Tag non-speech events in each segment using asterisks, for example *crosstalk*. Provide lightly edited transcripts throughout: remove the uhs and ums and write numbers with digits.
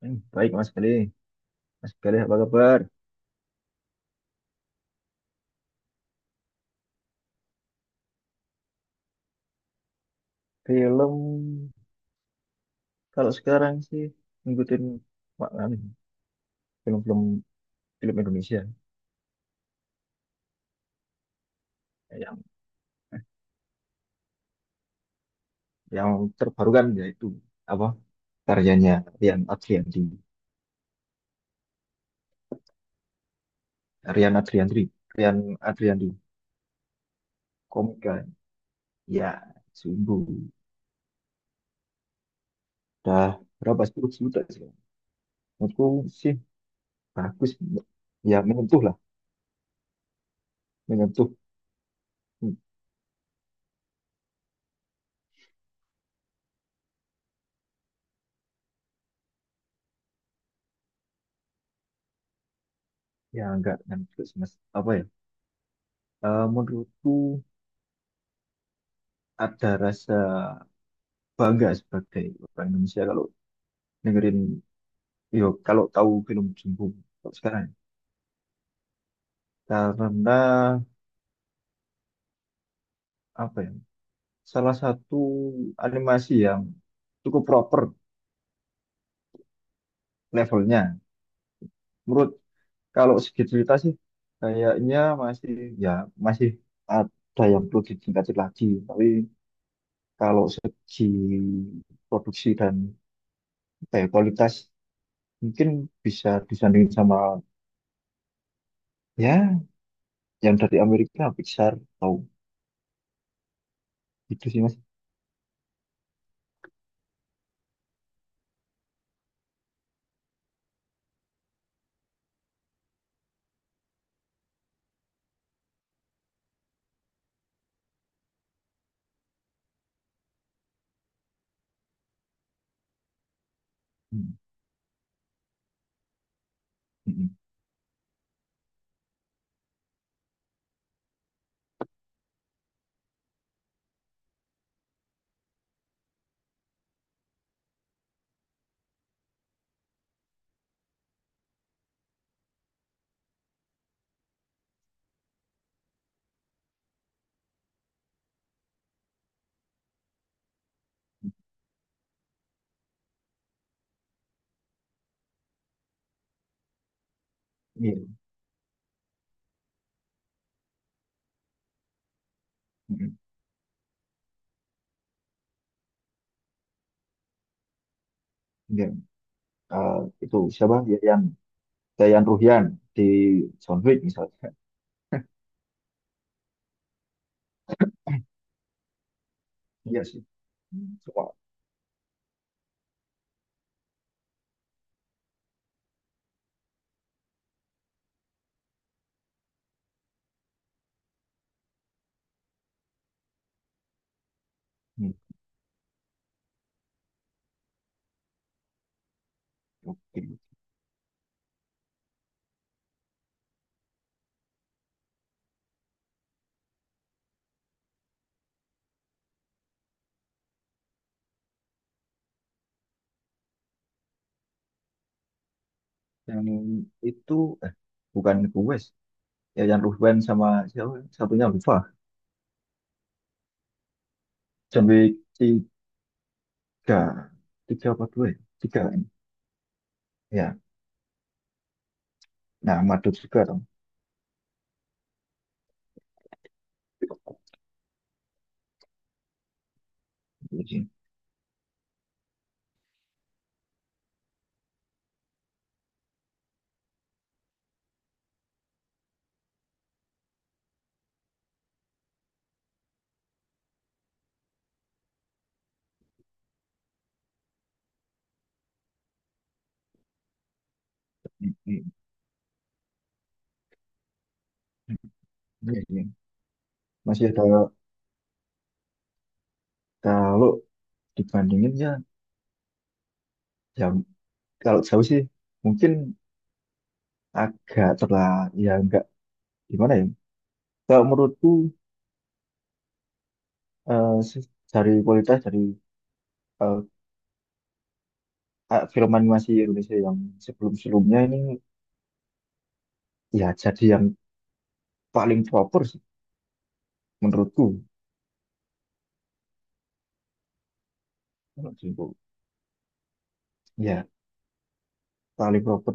Hmm, baik Mas Galih. Mas Galih apa kabar? Film, kalau sekarang sih ngikutin Pak Amin, film-film Indonesia, yang yang terbaru kan yaitu apa, karyanya Rian Adriandi. Rian Adriandi, Rian Adriandi, komika ya sungguh. Udah berapa, 10 juta sih? Menurutku sih bagus, ya menyentuh lah. Menyentuh. Hmm, Ya enggak kan, terus mas apa ya. Menurutku ada rasa bangga sebagai orang Indonesia kalau dengerin, yo kalau tahu film Jumbo. Kalau sekarang, karena apa ya, salah satu animasi yang cukup proper levelnya menurut. Kalau segi cerita sih kayaknya masih, ya masih ada yang perlu ditingkatin lagi. Tapi kalau segi produksi dan apa ya, kualitas, mungkin bisa disandingin sama, ya, yang dari Amerika, Pixar atau gitu sih mas. Hmm. Mm-mm. Iya. Mm-mm. Iya. Eh, itu siapa? Yayan. Yayan Ruhyan di John Wick misalnya. Iya sih. Hmm. Coba. Hmm. Oke. Yang itu eh bukan gue sih. Yayan Ruhyan sama siapa? Satunya lupa. John Wick tiga, tiga apa dua, ya? Tiga, kan? Ya. Nah, Madut juga dong. Iya sih. Mm-mm. Iya sih. Masih ada kalau dibandingin ya, ya kalau jauh sih mungkin agak terlah, ya enggak, gimana ya, kalau menurutku dari kualitas dari eh, film animasi Indonesia yang sebelum-sebelumnya ini, ya jadi yang paling proper sih menurutku. Kalau menurutku, ya paling proper.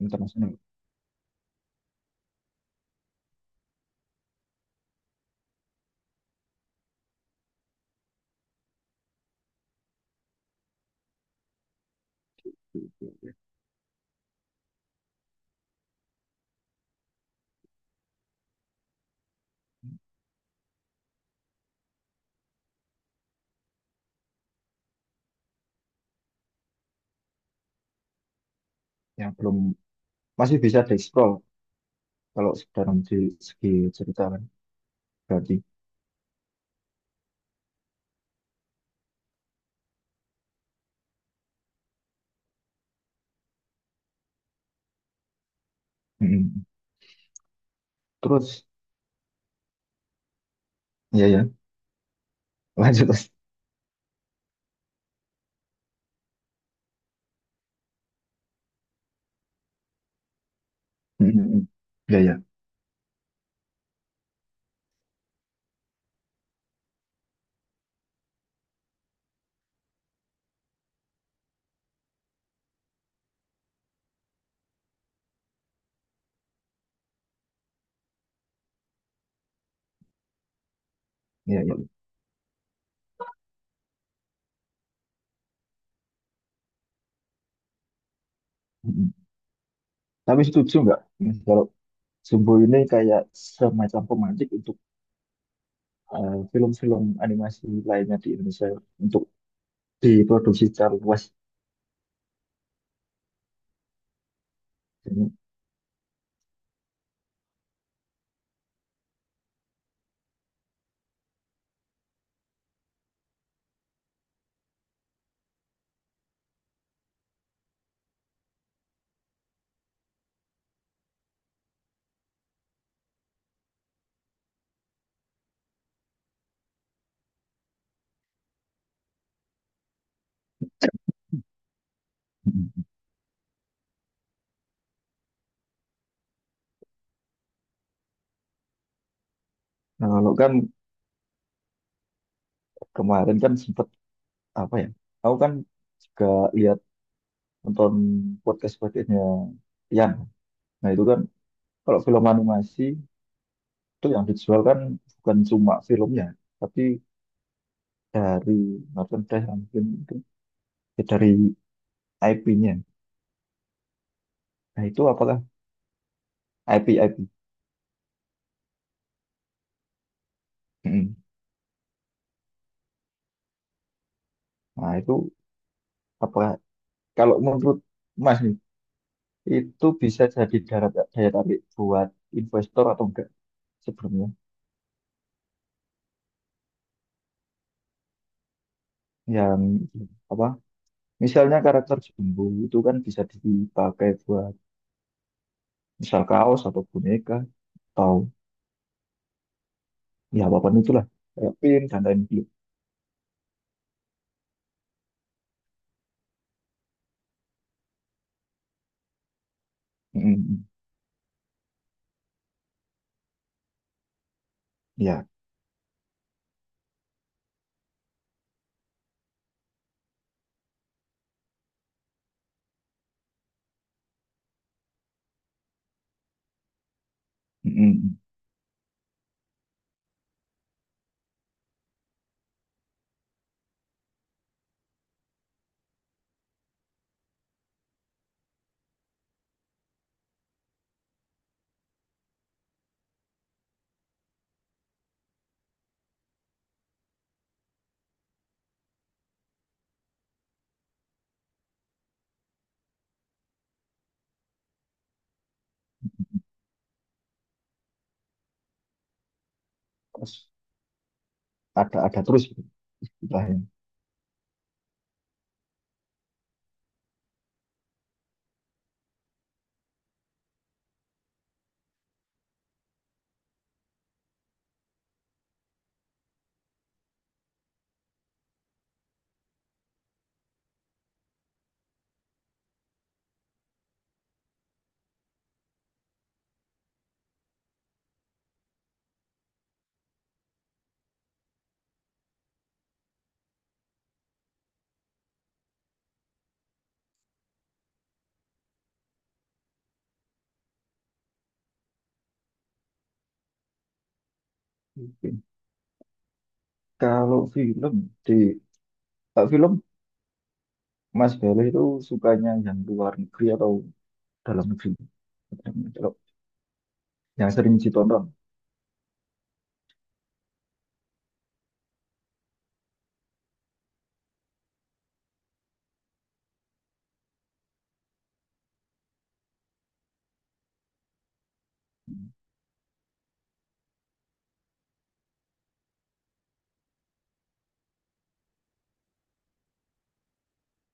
Internasional, yang belum, masih bisa dieksplor kalau dalam di segi cerita, kan berarti. Mm-mm. Terus, ya ya, *laughs* lanjut terus. Mm-mm. Ya ya ya ya. Mm-mm. Tapi setuju nggak Mas, kalau Jumbo ini kayak semacam pemancing untuk film-film animasi lainnya di Indonesia untuk diproduksi secara luas. Jadi, mm. Nah, kalau kan kemarin kan sempat apa ya? Aku kan juga lihat, nonton podcastnya Tian. Nah itu kan, kalau film animasi itu yang dijual kan bukan cuma filmnya, tapi dari merchandise yang mungkin itu, ya dari IP-nya. Nah itu apakah IP IP? Nah itu apakah Kalau menurut Mas nih, itu bisa jadi darat, daya tarik buat investor atau enggak sebelumnya? Yang apa? Misalnya karakter Jumbo itu kan bisa dipakai buat misal kaos atau boneka, atau ya apapun itulah, kayak pin dan lain-lain. Mm-mm. Ya, mm-mm. Terus ada terus gitu, istilahnya. Mungkin. Kalau di film Mas Bele itu sukanya yang luar negeri atau dalam negeri? Kalau yang sering ditonton.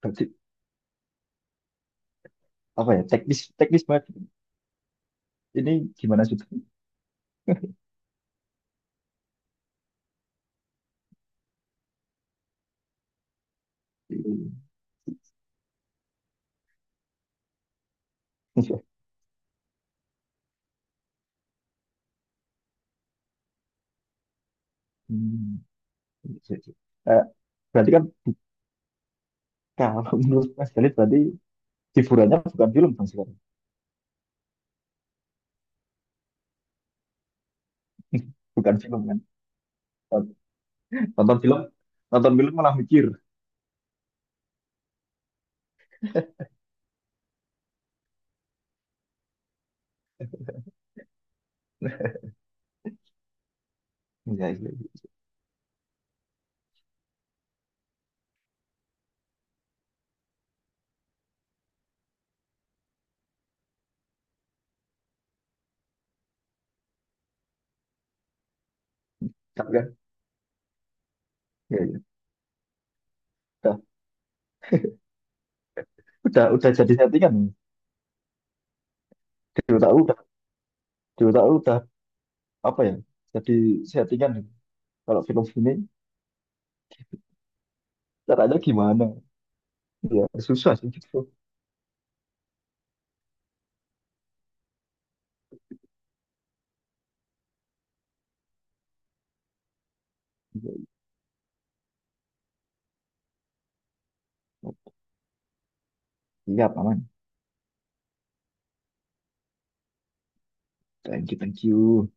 Berarti apa ya, teknis teknis banget ini, gimana sudah. Berarti kan, kalau menurut Mas Khalid berarti hiburannya bukan film dong sekarang. Bukan film kan, nonton film nonton film malah mikir. Ya, ya, ya. Kan, ya, ya. Udah, udah jadi settingan di otak udah di otak udah apa ya, jadi settingan kalau film ini, caranya gimana, ya susah sih gitu. Iya aman. Thank you thank you.